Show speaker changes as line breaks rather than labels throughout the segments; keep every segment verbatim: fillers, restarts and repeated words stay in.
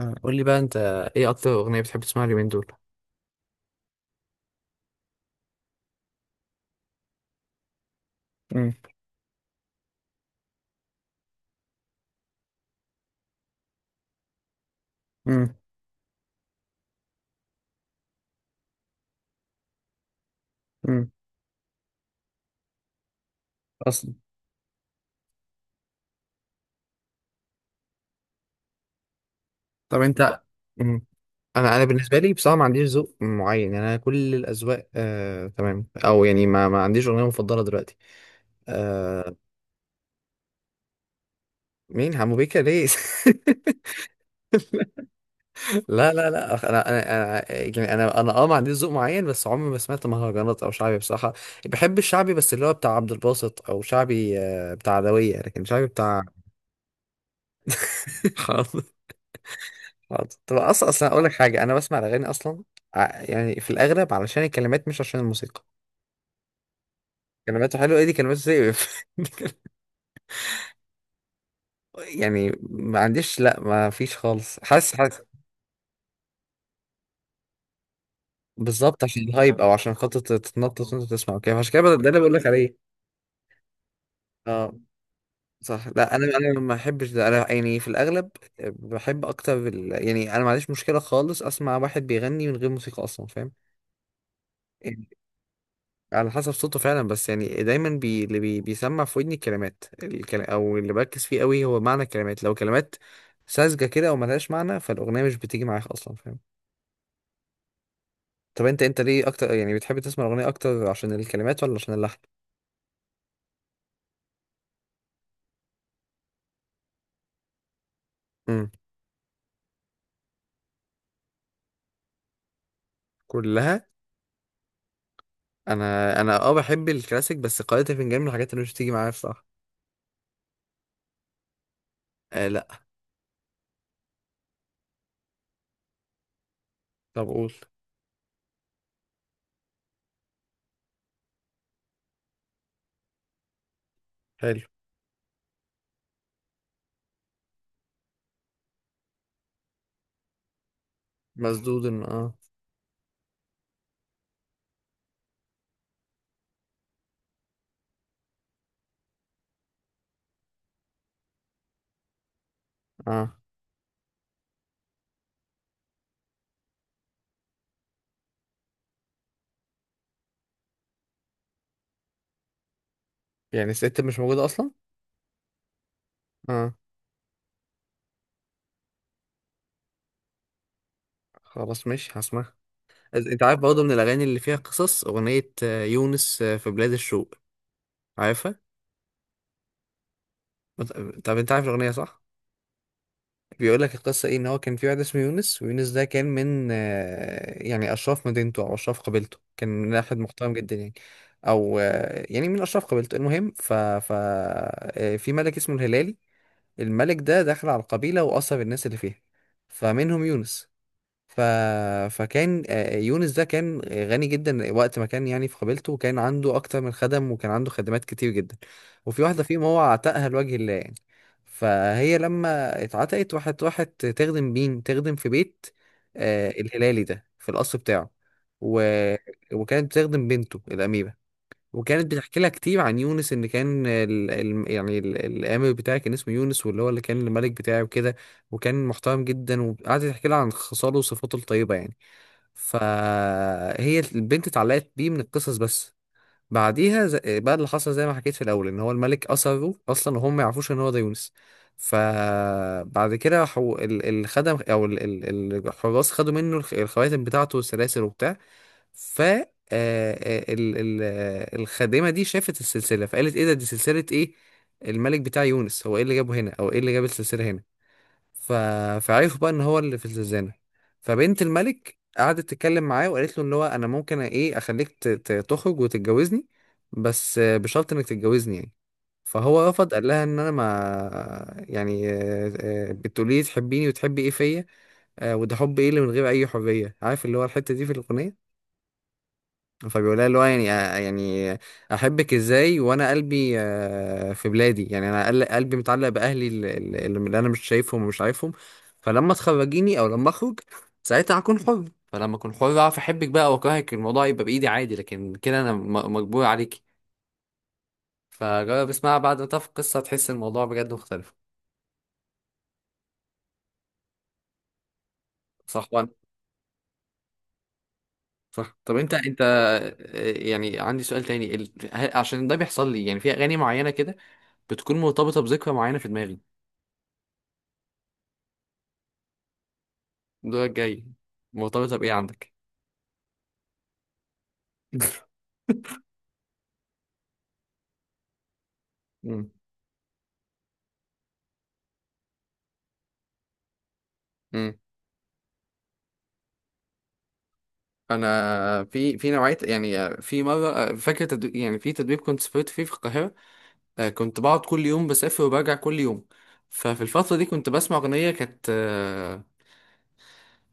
آه، قول لي بقى انت، ايه اكتر اغنيه بتحب تسمعها اليومين دول؟ امم. امم. امم. اصلا. طب انت؟ لا. امم. انا انا بالنسبه لي بصراحه ما عنديش ذوق معين، يعني انا كل الاذواق آه تمام، او يعني ما ما عنديش اغنيه مفضله دلوقتي. آه، مين حمو بيكا ليه؟ لا لا لا، انا انا انا يعني انا انا اه ما عنديش ذوق معين، بس عمري ما سمعت مهرجانات او شعبي بصراحه. بحب الشعبي، بس اللي هو بتاع عبد الباسط، او شعبي آه بتاع عدويه، لكن شعبي بتاع... حرام. حاضر. طب اصلا اصلا اقول لك حاجه، انا بسمع الاغاني اصلا ع- يعني في الاغلب علشان الكلمات، مش عشان الموسيقى. كلماته حلوه؟ ايه دي كلماته؟ زي... يعني ما عنديش، لا ما فيش خالص. حاسس حاسس بالظبط عشان الهايب، او عشان خاطر تتنطط وانت تسمع وكده، عشان كده ده اللي بقول لك عليه. اه، صح. لا انا انا ما بحبش ده، انا يعني في الاغلب بحب اكتر ال... يعني انا ما عنديش مشكله خالص اسمع واحد بيغني من غير موسيقى اصلا، فاهم؟ على حسب صوته فعلا. بس يعني دايما بي... اللي بي... بيسمع في ودني الكلمات الكل... او اللي بركز فيه قوي هو معنى الكلمات. لو كلمات ساذجه كده او ملهاش معنى، فالاغنيه مش بتيجي معاك اصلا، فاهم؟ طب انت انت ليه اكتر، يعني بتحب تسمع الاغنيه اكتر عشان الكلمات ولا عشان اللحن؟ امم. كلها. انا انا اه بحب الكلاسيك، بس قارئة الفنجان من الحاجات اللي مش بتيجي معايا بصراحه. آه لا. طب قول. حلو. مسدود إن- اه. اه. يعني الست مش موجوده اصلا. اه. خلاص ماشي هسمعها. أز- انت عارف برضه من الاغاني اللي فيها قصص اغنيه آه، يونس، آه، في بلاد الشوق، عارفها؟ بت- طب انت عارف الاغنيه صح؟ بيقول لك القصه ايه، ان هو كان في واحد اسمه يونس، ويونس ده كان من آه، يعني اشراف مدينته، او اشراف قبيلته، كان من واحد محترم جدا يعني. او آه، يعني من اشراف قبيلته. المهم ف, ف... آه، في ملك اسمه الهلالي. الملك ده دخل على القبيله واثر الناس اللي فيها، فمنهم يونس. ف... فكان آه، يونس ده كان غني جدا وقت ما كان يعني في قبيلته، كان عنده اكتر من خدم، وكان عنده خدمات كتير جدا، وفي واحده فيهم هو عتقها لوجه الله يعني. فهي لما اتعتقت راحت، راحت تخدم مين؟ تخدم في بيت آه، الهلالي ده، في القصر بتاعه. و... وكانت بتخدم بنته الاميره، وكانت بتحكي لها كتير عن يونس، ان كان ال... ال... يعني ال... الامر بتاعي كان اسمه يونس، واللي هو اللي كان الملك بتاعي وكده. وكان محترم جدا، وقعدت تحكي لها عن خصاله وصفاته الطيبه يعني. فهي البنت اتعلقت بيه من القصص بس. بعديها ز... بقى اللي حصل زي ما حكيت في الاول، ان هو الملك اثره اصلا، وهم ما يعرفوش ان هو ده يونس. فبعد كده حو... ال... الخدم، او ال... ال... الحراس، خدوا منه الخ- الخواتم بتاعته والسلاسل وبتاع. ف آه، آه، ال- ال- آه، الخادمه دي شافت السلسله، فقالت ايه ده؟ دي سلسله ايه؟ الملك بتاع يونس، هو ايه اللي جابه هنا، او ايه اللي جاب السلسله هنا؟ ف... فعرفوا بقى ان هو اللي في الزنزانه. فبنت الملك قعدت تتكلم معاه وقالت له ان هو انا ممكن ايه اخليك ت... ت- تخرج وتتجوزني، بس آه، بشرط انك تتجوزني يعني. فهو رفض، قال لها ان انا ما يعني آه، آه، بتقولي لي تحبيني وتحبي ايه فيا؟ آه، وده حب ايه اللي من غير اي حريه؟ عارف اللي هو الحته دي في الاغنيه؟ فبيقول لها اللي هو يعني آه، يعني احبك ازاي وانا قلبي آه، في بلادي؟ يعني انا قل- قلبي متعلق باهلي ال- ال- اللي انا مش شايفهم ومش عارفهم. فلما تخرجيني، او لما اخرج، ساعتها هكون حر، فلما اكون حر اعرف احبك بقى واكرهك، الموضوع يبقى بايدي عادي، لكن كده انا م- مجبور عليكي. فجرب اسمعها بعد ما تعرف القصه، هتحس إن الموضوع بجد مختلف. صح وانا. صح. طب انت انت آه، يعني عندي سؤال تاني، ال- ه- عشان ده بيحصل لي يعني في اغاني معينه كده، بتكون مرتبطه بذكرى معينه في دماغي. الدولة الجاية، مرتبطة بإيه عندك؟ مم. مم. أنا في في نوعية، يعني في مرة، فاكر تدريب، يعني في تدريب كنت سافرت فيه في القاهرة، آه، كنت بقعد كل يوم بسافر وبرجع كل يوم. ففي الفترة دي كنت بسمع أغنية كانت آه،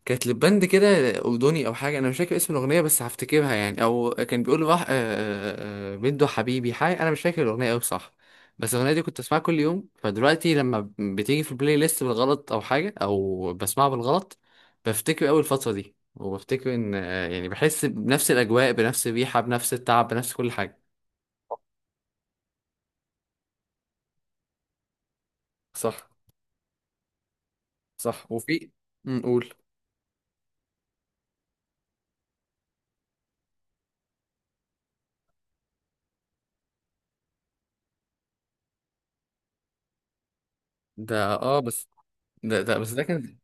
كانت لباند كده، أردني أو حاجة، أنا مش فاكر اسم الأغنية، بس هفتكرها يعني، أو كان بيقول راح آه، آه، آه، بنته حبيبي، حاجة أنا مش فاكر الأغنية أوي، صح. بس الأغنية دي كنت أسمعها كل يوم، فدلوقتي لما بتيجي في البلاي ليست بالغلط، أو حاجة، أو بسمعها بالغلط، بفتكر أوي الفترة دي، وبفتكر إن آه، يعني بحس بنفس الأجواء، بنفس الريحة، بنفس التعب، بنفس كل حاجة. صح. صح. وفي في. أمم، قول. ده اه، بس ده ده بس ده كان.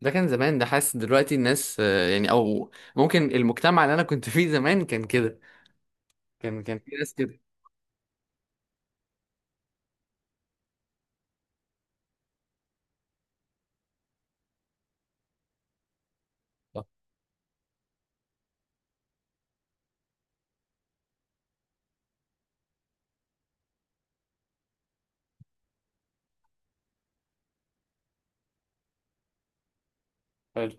ده كان زمان، ده حاسس دلوقتي الناس آه، يعني او ممكن المجتمع اللي انا كنت فيه زمان كان كده. كان كان في ناس كده. اه. حلو.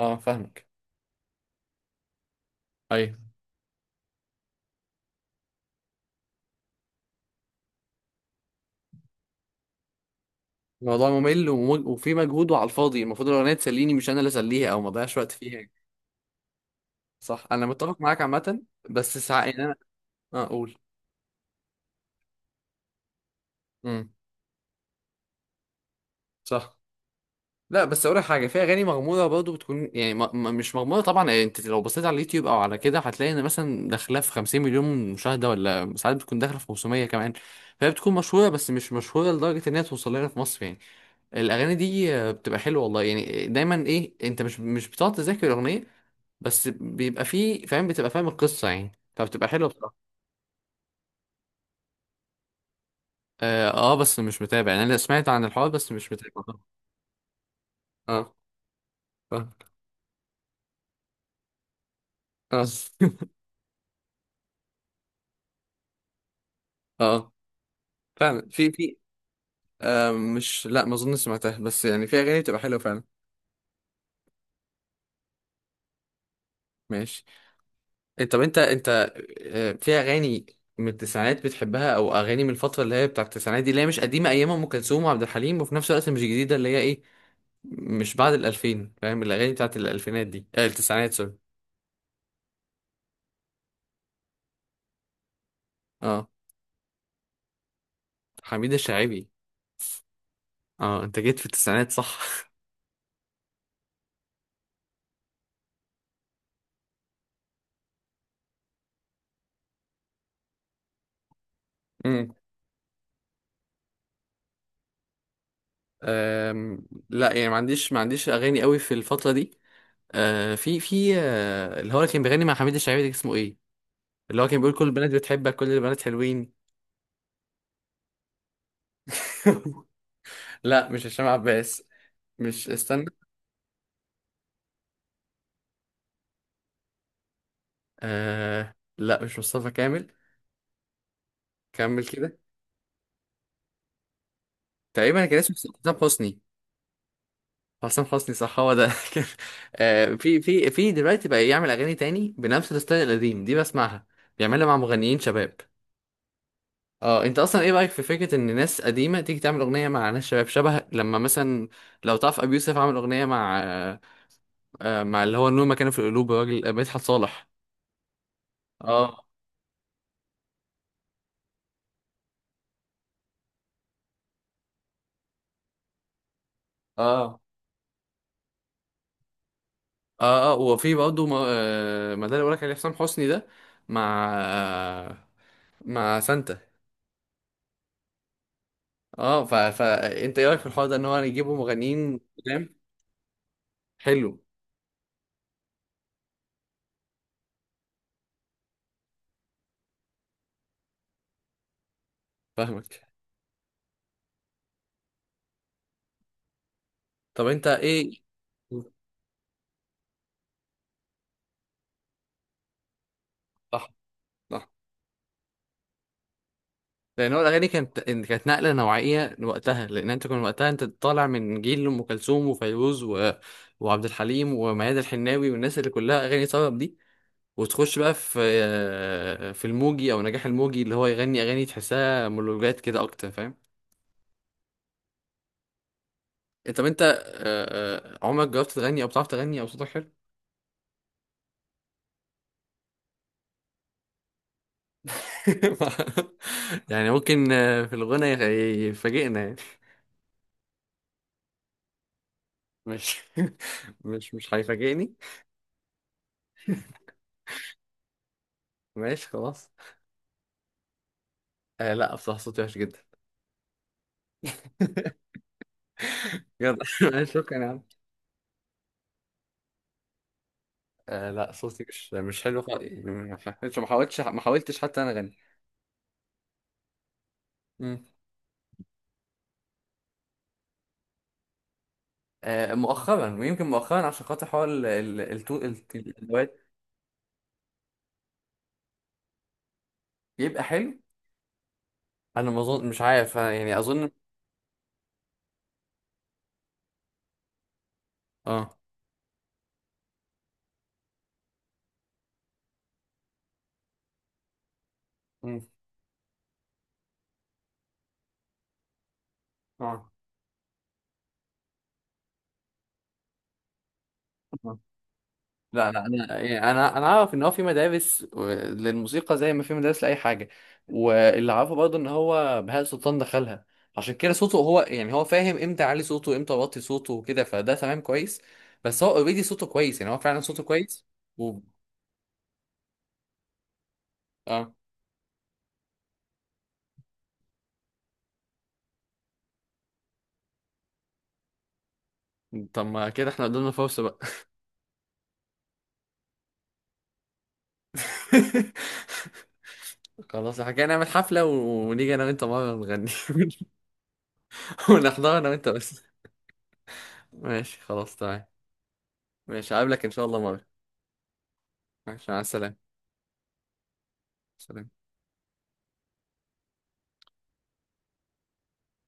اه، فاهمك. ايوه. الموضوع ممل، وم- وفي مجهود وعلى الفاضي، المفروض الاغنيه تسليني، مش انا اللي اسليها، او ما اضيعش وقت فيها يعني. صح، انا متفق معاك عامه. بس ساعات يعني انا اه اقول. امم. صح. لا بس اقول لك حاجه، في اغاني مغموضه برضه، بتكون يعني م م مش مغموضه طبعا، يعني انت لو بصيت على اليوتيوب او على كده، هتلاقي ان مثلا داخله في 50 مليون مشاهده، ولا ساعات بتكون داخله في خمسمية كمان. فهي بتكون مشهوره بس مش مشهوره لدرجه ان هي توصل لنا في مصر يعني. الاغاني دي آه، بتبقى حلوه والله، يعني دايما، ايه، انت مش مش بتقعد تذاكر الاغنيه، بس بيبقى فيه فاهم، بتبقى فاهم القصه يعني، فبتبقى حلوه بصراحه. اه، آه، بس مش متابع، يعني انا سمعت عن الحوار بس مش متابع. اه. اه. اه. آه. فعلا في في. آه مش، لا ما اظن سمعتها، بس يعني في اغاني بتبقى حلوه فعلا. ماشي. إيه، طب انت انت آه، في اغاني من التسعينات بتحبها؟ او اغاني من الفتره اللي هي بتاعت التسعينات دي، اللي هي مش قديمه ايام ام كلثوم وعبد الحليم، وفي نفس الوقت مش جديده، اللي هي ايه، مش بعد الالفين، فاهم، الاغاني بتاعت الالفينات دي، آه التسعينات سوري. اه، حميد الشاعبي. اه، انت جيت في التسعينات صح؟ امم. آم، لا يعني ما عنديش ما عنديش اغاني قوي في الفتره دي. آه في في آه اللي هو اللي كان بيغني مع حميد الشاعبي ده اسمه ايه؟ اللي هو كان بيقول كل البنات بتحبك، كل البنات حلوين. لا مش هشام عباس. مش، استنى. آه لا، مش مصطفى كامل. كمل كده. تقريبا كان اسمه حسام حسني. حسام حسني صح، هو ده. كان آه في في في دلوقتي بقى يعمل اغاني تاني بنفس الستايل القديم دي، بسمعها. بيعملها مع مغنيين شباب. اه، انت اصلا ايه رايك في فكره ان ناس قديمه تيجي تعمل اغنيه مع ناس شباب، شبه لما مثلا، لو تعرف ابي يوسف عمل اغنيه مع آه مع اللي هو النور مكانه في القلوب، الراجل مدحت صالح. اه. اه. اه. اه، وفي برضه ما آه، ما ده اللي بقولك عليه، حسام حسني ده، مع آه، مع سانتا. اه. ف... فانت ايه رايك في الحوار ده ان هو يجيبوا مغنيين قدام؟ حلو. فاهمك. طب انت ايه؟ صح. صح. لان هو الاغاني كانت كانت نقله نوعيه وقتها، لان انت كنت وقتها، انت طالع من جيل ام كلثوم وفيروز و... وعبد الحليم وميادة الحناوي والناس اللي كلها اغاني طرب دي، وتخش بقى في آه، في الموجي او نجاح الموجي، اللي هو يغني اغاني تحسها مونولوجات كده اكتر، فاهم؟ انت طب انت آه، آه، عمرك جربت تغني؟ او بتعرف تغني؟ او صوتك حلو؟ يعني ممكن آه، في الغنى يغ- يفاجئنا يعني. مش مش مش هيفاجئني. ماشي خلاص. آه لا، بصراحة صوتي وحش جدا. يلا ماشي، شكرا يا عم. آه لا، صوتي مش مش حلو خالص. ما حاولتش ما حاولتش حتى انا اغني. مم. آه، مؤخرا، ويمكن مؤخرا عشان خاطر حوار ال- ال- التو- الت- الواد يبقى حلو. انا ما اظن، مش عارف، أنا يعني اظن. اه. مم. اه. آه. لا لا، انا يعني انا انا اعرف ان هو في مدارس و- للموسيقى، زي ما في مدارس لاي حاجه. واللي عارفه برضه ان هو بهاء سلطان دخلها، عشان كده صوته هو يعني هو فاهم امتى اعلي صوته وامتى اوطي صوته وكده، فده تمام كويس. بس هو اوريدي صوته كويس، يعني هو فعلا صوته كويس. و... اه. طب ما كده احنا قدامنا فرصه بقى. خلاص، حكينا نعمل حفلة و- ونيجي انا وانت مرة نغني. ونحضر انا وانت بس. ماشي، خلاص تمام. ماشي، هقابلك ان شاء الله مرة. ماشي، مع السلامة. سلام.